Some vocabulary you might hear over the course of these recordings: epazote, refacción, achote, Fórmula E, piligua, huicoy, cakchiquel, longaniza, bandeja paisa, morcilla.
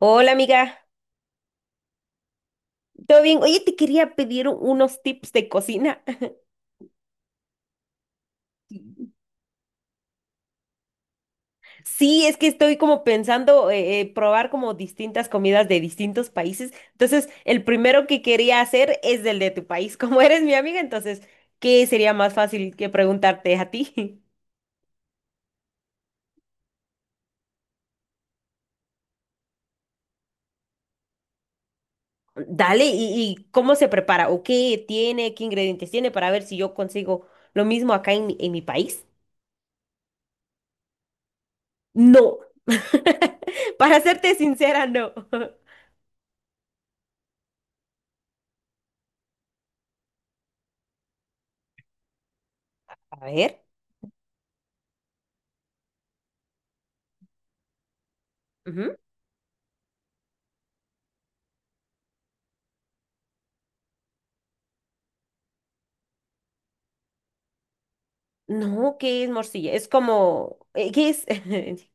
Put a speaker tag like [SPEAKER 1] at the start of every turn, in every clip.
[SPEAKER 1] Hola amiga, ¿todo bien? Oye, te quería pedir unos tips de cocina. Sí, es que estoy como pensando probar como distintas comidas de distintos países. Entonces, el primero que quería hacer es del de tu país. Como eres mi amiga, entonces, ¿qué sería más fácil que preguntarte a ti? Dale, ¿y cómo se prepara? ¿O qué tiene? ¿Qué ingredientes tiene para ver si yo consigo lo mismo acá en mi país? No, para serte sincera, no. A ver. No, ¿qué es morcilla? Es como, ¿qué es?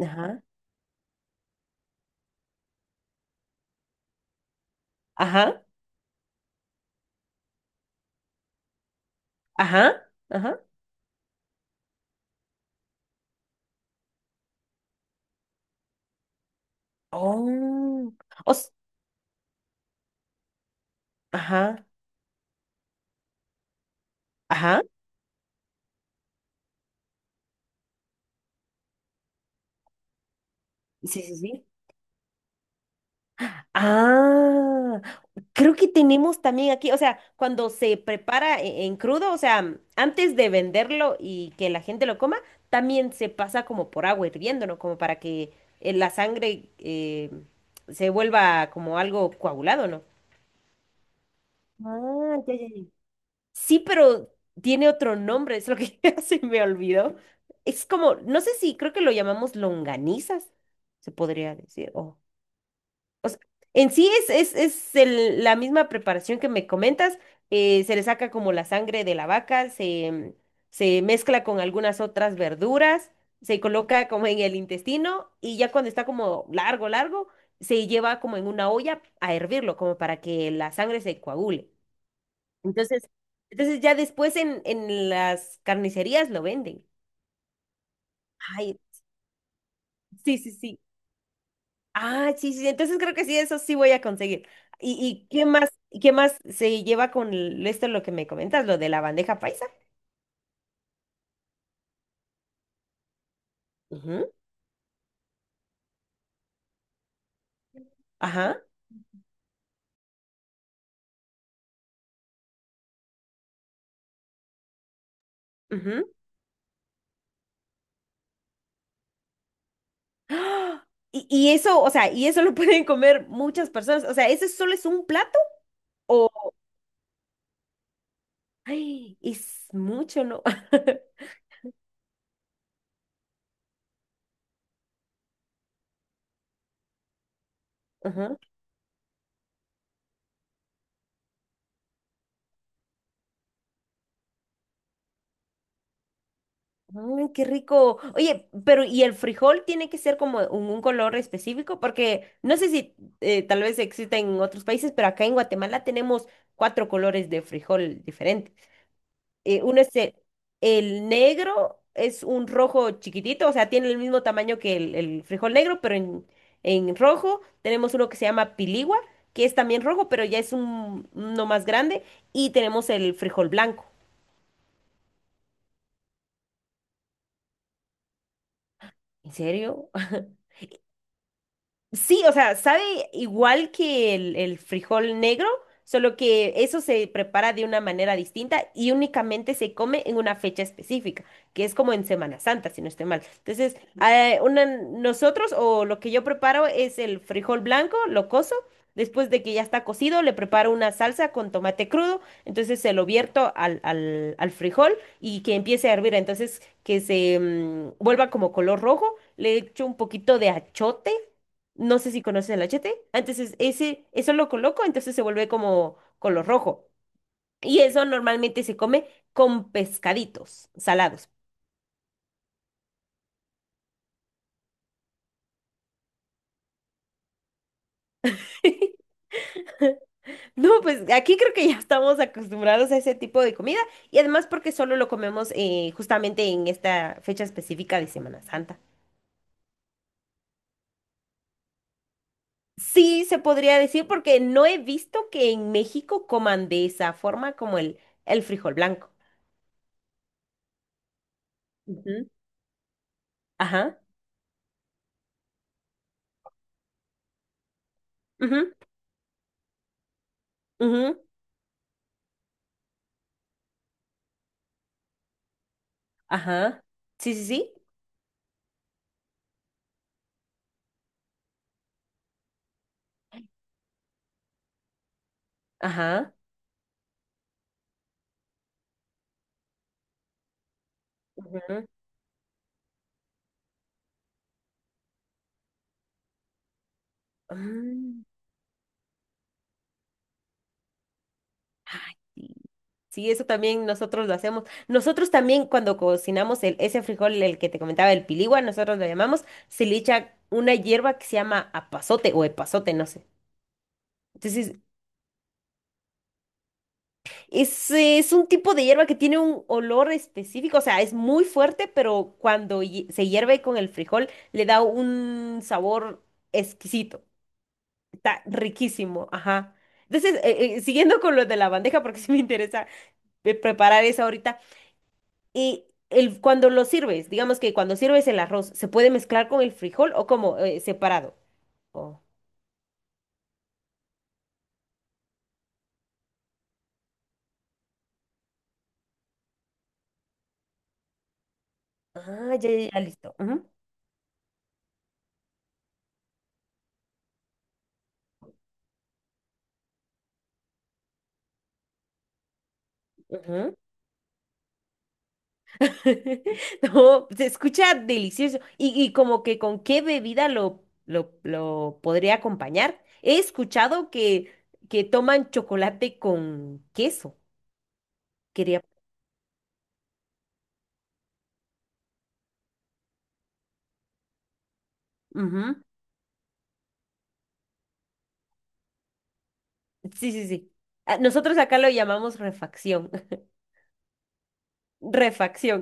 [SPEAKER 1] Ajá, ajá, ajá, ajá. Oh, os- ajá, ajá. Sí, sí, sí. Ah, creo que tenemos también aquí, o sea, cuando se prepara en crudo, o sea, antes de venderlo y que la gente lo coma, también se pasa como por agua hirviendo, ¿no? Como para que la sangre se vuelva como algo coagulado, ¿no? Ah, ya, ya, ya. Sí, pero tiene otro nombre, es lo que ya se me olvidó. Es como, no sé si, creo que lo llamamos longanizas, se podría decir. O sea, en sí es la misma preparación que me comentas, se le saca como la sangre de la vaca, se mezcla con algunas otras verduras, se coloca como en el intestino y ya cuando está como largo, largo, se lleva como en una olla a hervirlo, como para que la sangre se coagule. Entonces, entonces, ya después en las carnicerías lo venden. Ay, sí, sí, sí. Ah, sí, sí, sí. Entonces creo que sí, eso sí voy a conseguir. ¿Y qué más, y qué más se lleva con esto lo que me comentas, lo de la bandeja paisa? Ujú. Ajá. Ujú. ¡Ah! Y eso, o sea, y eso lo pueden comer muchas personas. O sea, ¿ese solo es un plato? O, ay, es mucho, ¿no? Ajá. Ay, qué rico. Oye, pero ¿y el frijol tiene que ser como un color específico? Porque no sé si tal vez exista en otros países, pero acá en Guatemala tenemos cuatro colores de frijol diferentes. Uno es el negro, es un rojo chiquitito, o sea, tiene el mismo tamaño que el frijol negro, pero en rojo tenemos uno que se llama piligua, que es también rojo, pero ya es un, uno más grande, y tenemos el frijol blanco. ¿En serio? Sí, o sea, sabe igual que el frijol negro, solo que eso se prepara de una manera distinta y únicamente se come en una fecha específica, que es como en Semana Santa, si no estoy mal. Entonces, nosotros o lo que yo preparo es el frijol blanco, lo cozo, después de que ya está cocido, le preparo una salsa con tomate crudo, entonces se lo vierto al frijol y que empiece a hervir, entonces que se vuelva como color rojo, le echo un poquito de achote, no sé si conoces el achete. Entonces, ese, eso lo coloco, entonces se vuelve como color rojo. Y eso normalmente se come con pescaditos salados. No, pues aquí creo que ya estamos acostumbrados a ese tipo de comida y además porque solo lo comemos justamente en esta fecha específica de Semana Santa. Sí, se podría decir porque no he visto que en México coman de esa forma como el frijol blanco. Ujú. Ajá. Ujú, ujú. Ajá. Sí, sí, sí. Ajá. Ujú. Ah. Ay, sí. Sí, eso también nosotros lo hacemos. Nosotros también cuando cocinamos el, ese frijol, el que te comentaba, el piligua, nosotros lo llamamos, se le echa una hierba que se llama apazote o epazote, no sé. Entonces, es un tipo de hierba que tiene un olor específico, o sea, es muy fuerte, pero cuando se hierve con el frijol, le da un sabor exquisito. Está riquísimo, ajá. Entonces, siguiendo con lo de la bandeja, porque sí me interesa preparar esa ahorita. Y el, cuando lo sirves, digamos que cuando sirves el arroz, ¿se puede mezclar con el frijol o como separado? Oh. Ah, ya, ya, ya, listo. Ujú, ujú. No, se escucha delicioso. Y como que con qué bebida lo podría acompañar. He escuchado que toman chocolate con queso. Quería. Ujú. Sí, sí, sí. Ah, nosotros acá lo llamamos refacción. Refacción.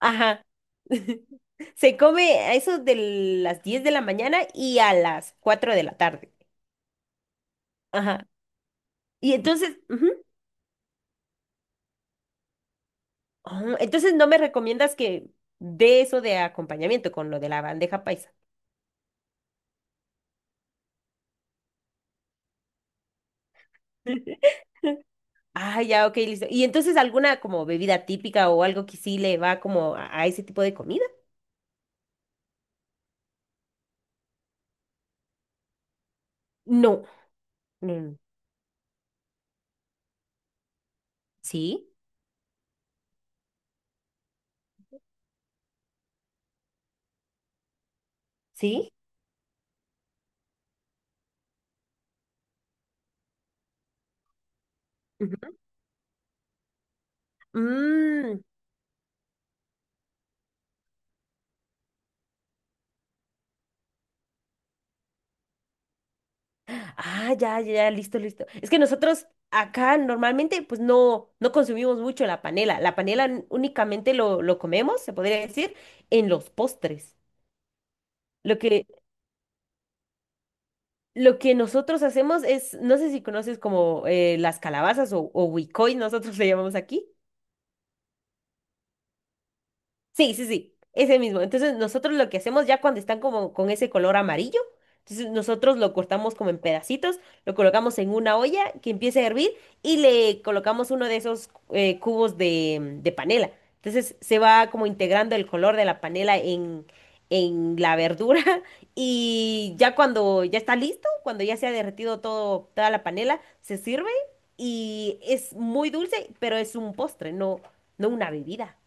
[SPEAKER 1] Ajá. Se come a eso de las 10 de la mañana y a las 4 de la tarde. Ajá. Y entonces, ujú. Oh, entonces no me recomiendas que dé eso de acompañamiento con lo de la bandeja paisa. Ah, ya, ok, listo. ¿Y entonces alguna como bebida típica o algo que sí le va como a ese tipo de comida? No. Mm. ¿Sí? ¿Sí? Ujú. Mm. Ah, ya, ya, ya, listo, listo. Es que nosotros acá normalmente pues no, no consumimos mucho la panela. La panela únicamente lo comemos, se podría decir, en los postres. Lo que, lo que nosotros hacemos es, no sé si conoces como las calabazas o huicoy, nosotros le llamamos aquí. Sí, sí, sí, ese mismo. Entonces nosotros lo que hacemos ya cuando están como con ese color amarillo, entonces nosotros lo cortamos como en pedacitos, lo colocamos en una olla que empiece a hervir y le colocamos uno de esos cubos de panela. Entonces se va como integrando el color de la panela en la verdura y ya cuando ya está listo, cuando ya se ha derretido todo, toda la panela, se sirve y es muy dulce, pero es un postre, no, no una bebida.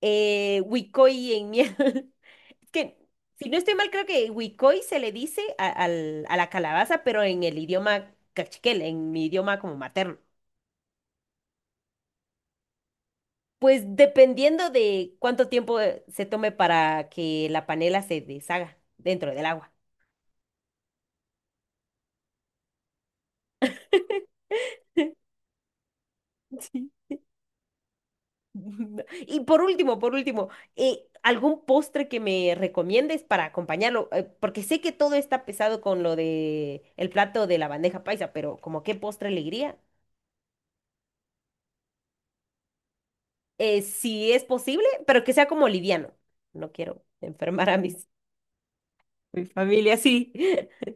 [SPEAKER 1] Huicoy en Es que, si no estoy mal, creo que Huicoy se le dice a la calabaza, pero en el idioma cachiquel, en mi idioma como materno. Pues dependiendo de cuánto tiempo se tome para que la panela se deshaga dentro del agua. Sí. Y por último, ¿algún postre que me recomiendes para acompañarlo? Porque sé que todo está pesado con lo de el plato de la bandeja paisa, pero ¿como qué postre le iría? Si es posible, pero que sea como liviano. No quiero enfermar a mis, mi familia, sí.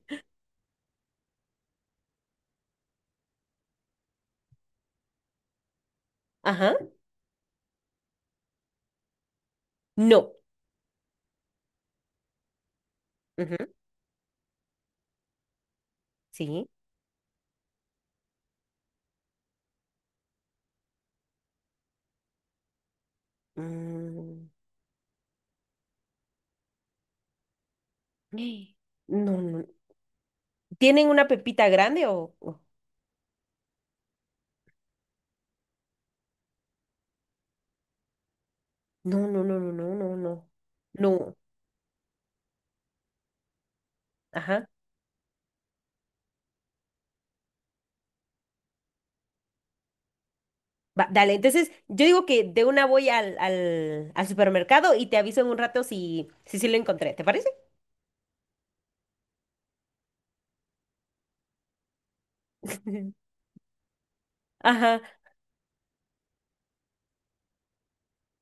[SPEAKER 1] Ajá. No. Ujú. Sí. Mm. No, no. ¿Tienen una pepita grande o...? No, no, no, no, no, no, no. No. Ajá. Va, dale, entonces yo digo que de una voy al supermercado y te aviso en un rato si, si sí lo encontré, ¿te parece? Ajá.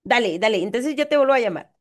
[SPEAKER 1] Dale, dale. Entonces yo te vuelvo a llamar.